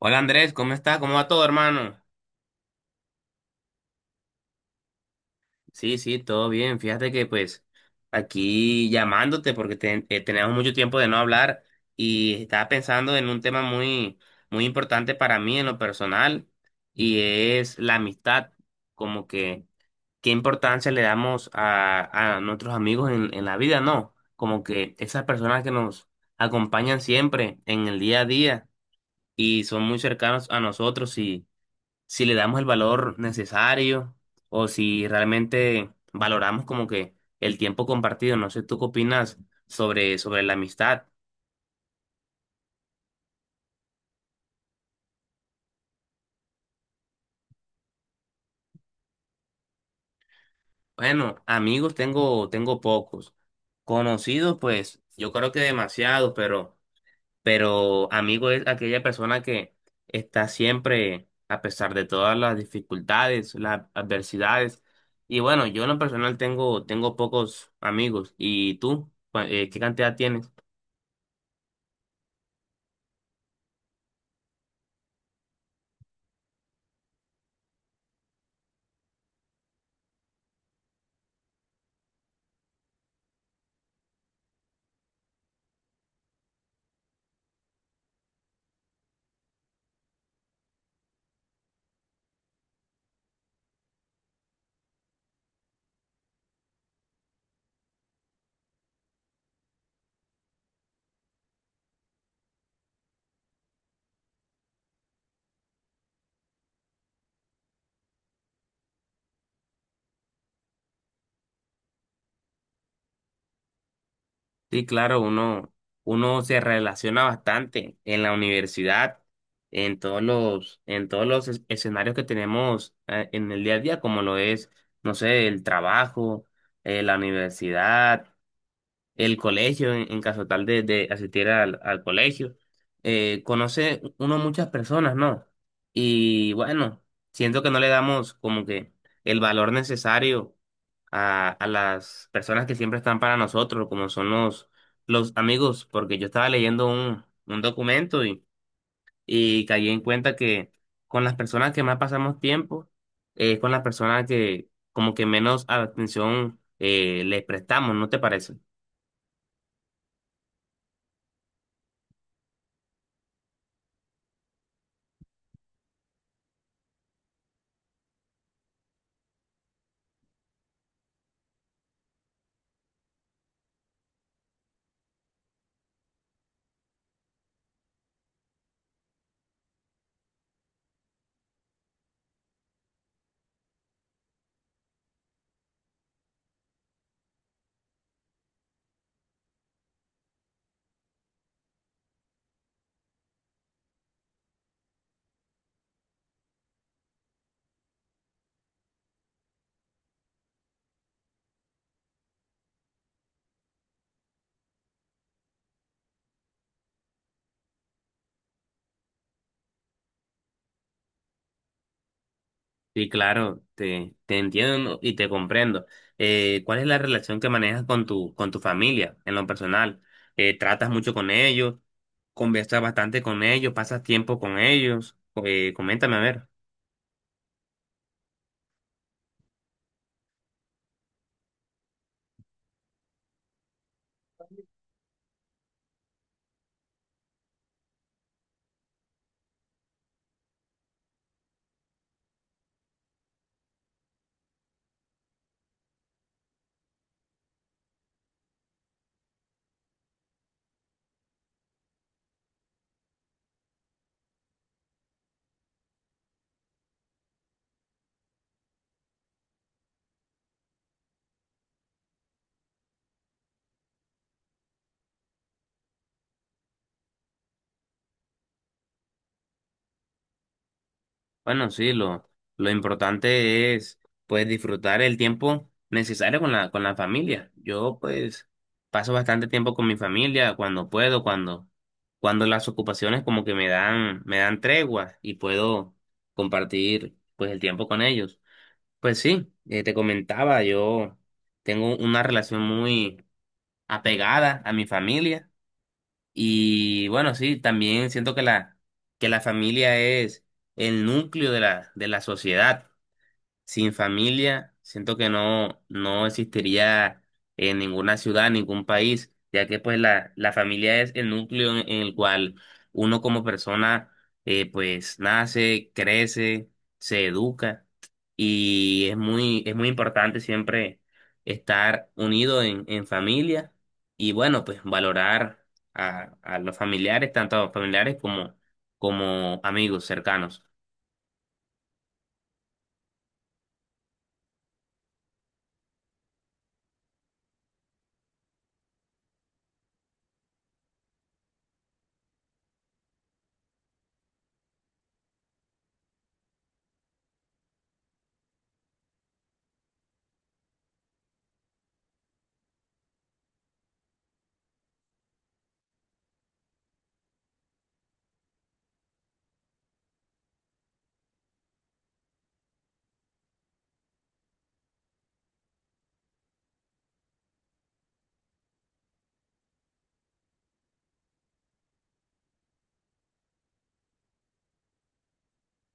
Hola Andrés, ¿cómo está? ¿Cómo va todo, hermano? Sí, sí, todo bien. Fíjate que pues aquí llamándote porque tenemos mucho tiempo de no hablar y estaba pensando en un tema muy importante para mí en lo personal y es la amistad. Como que qué importancia le damos a nuestros amigos en la vida, ¿no? Como que esas personas que nos acompañan siempre en el día a día y son muy cercanos a nosotros si le damos el valor necesario o si realmente valoramos como que el tiempo compartido. No sé, ¿tú qué opinas sobre la amistad? Bueno, amigos tengo pocos. Conocidos, pues, yo creo que demasiados, pero amigo es aquella persona que está siempre, a pesar de todas las dificultades, las adversidades. Y bueno, yo en lo personal tengo pocos amigos. ¿Y tú? ¿Qué cantidad tienes? Sí, claro, uno se relaciona bastante en la universidad, en todos los escenarios que tenemos, en el día a día, como lo es, no sé, el trabajo, la universidad, el colegio, en caso tal de asistir al colegio. Conoce uno muchas personas, ¿no? Y bueno, siento que no le damos como que el valor necesario a las personas que siempre están para nosotros, como son los amigos, porque yo estaba leyendo un documento y caí en cuenta que con las personas que más pasamos tiempo, es con las personas que como que menos atención les prestamos, ¿no te parece? Sí, claro, te entiendo, ¿no? Y te comprendo. ¿Cuál es la relación que manejas con tu familia en lo personal? ¿Tratas mucho con ellos? ¿Conversas bastante con ellos? ¿Pasas tiempo con ellos? Coméntame a ver. Bueno, sí, lo importante es pues disfrutar el tiempo necesario con la familia. Yo pues paso bastante tiempo con mi familia cuando puedo, cuando las ocupaciones como que me dan tregua y puedo compartir pues el tiempo con ellos. Pues sí, te comentaba, yo tengo una relación muy apegada a mi familia y bueno, sí, también siento que la familia es el núcleo de la sociedad. Sin familia, siento que no existiría en ninguna ciudad, ningún país, ya que pues la familia es el núcleo en el cual uno como persona, pues nace, crece, se educa y es muy importante siempre estar unido en familia y bueno, pues valorar a los familiares, tanto a los familiares como, como amigos cercanos.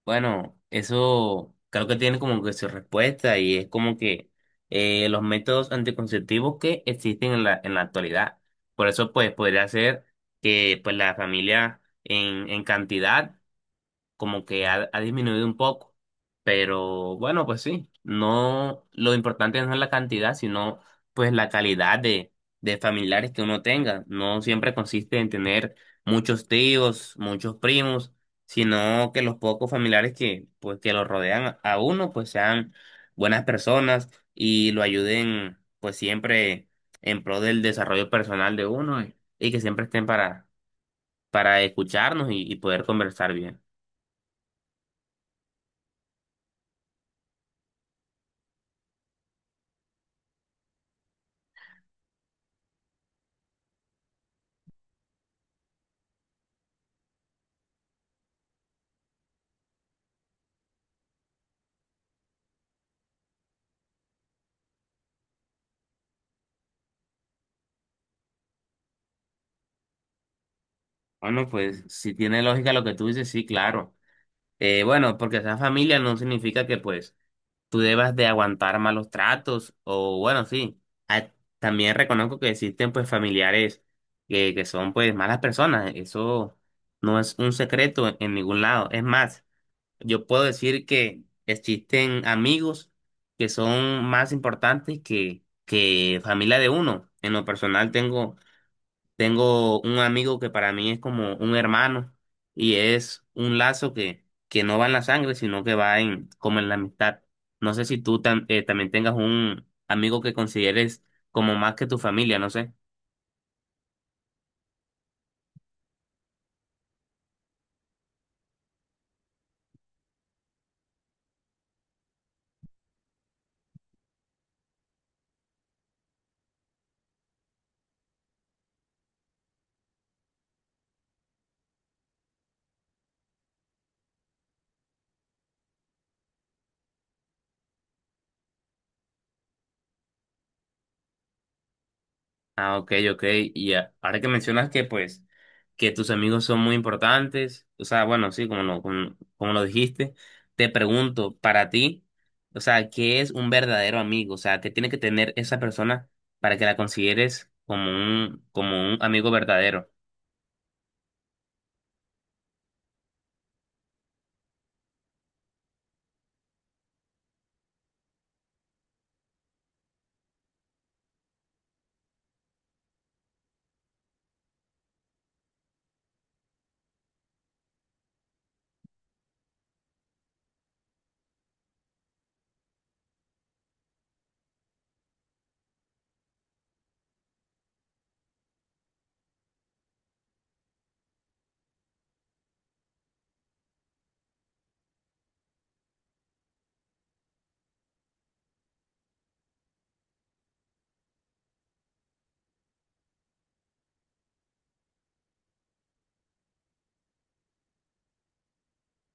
Bueno, eso creo que tiene como que su respuesta y es como que los métodos anticonceptivos que existen en la actualidad. Por eso, pues, podría ser que pues la familia en cantidad como que ha disminuido un poco. Pero bueno, pues sí, no, lo importante no es la cantidad, sino pues la calidad de familiares que uno tenga. No siempre consiste en tener muchos tíos, muchos primos, sino que los pocos familiares que, pues, que lo rodean a uno, pues sean buenas personas y lo ayuden, pues siempre en pro del desarrollo personal de uno y que siempre estén para escucharnos y poder conversar bien. Bueno, pues si tiene lógica lo que tú dices, sí, claro. Bueno, porque sea familia no significa que pues tú debas de aguantar malos tratos o bueno, sí. Ah, también reconozco que existen pues familiares que son pues malas personas. Eso no es un secreto en ningún lado. Es más, yo puedo decir que existen amigos que son más importantes que familia de uno. En lo personal tengo un amigo que para mí es como un hermano y es un lazo que no va en la sangre, sino que va en, como en la amistad. No sé si también tengas un amigo que consideres como más que tu familia, no sé. Ah, ok, ok. Y ahora que mencionas que, pues, que tus amigos son muy importantes, o sea, bueno, sí, como lo, como, como lo dijiste, te pregunto, para ti, o sea, ¿qué es un verdadero amigo? O sea, ¿qué tiene que tener esa persona para que la consideres como un amigo verdadero?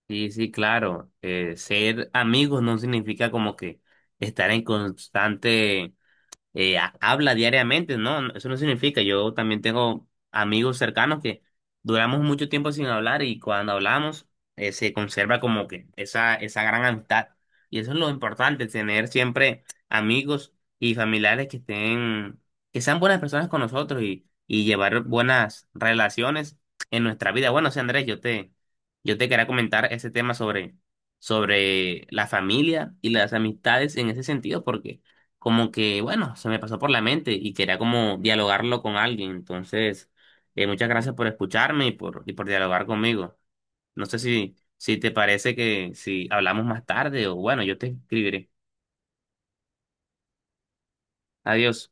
Sí, sí, claro. Ser amigos no significa como que estar en constante habla diariamente, ¿no? No, eso no significa, yo también tengo amigos cercanos que duramos mucho tiempo sin hablar, y cuando hablamos, se conserva como que esa gran amistad. Y eso es lo importante, tener siempre amigos y familiares que estén, que sean buenas personas con nosotros y llevar buenas relaciones en nuestra vida. Bueno, sí, Andrés, yo te quería comentar ese tema sobre la familia y las amistades en ese sentido, porque como que, bueno, se me pasó por la mente y quería como dialogarlo con alguien. Entonces, muchas gracias por escucharme y por dialogar conmigo. No sé si te parece que si hablamos más tarde o bueno, yo te escribiré. Adiós.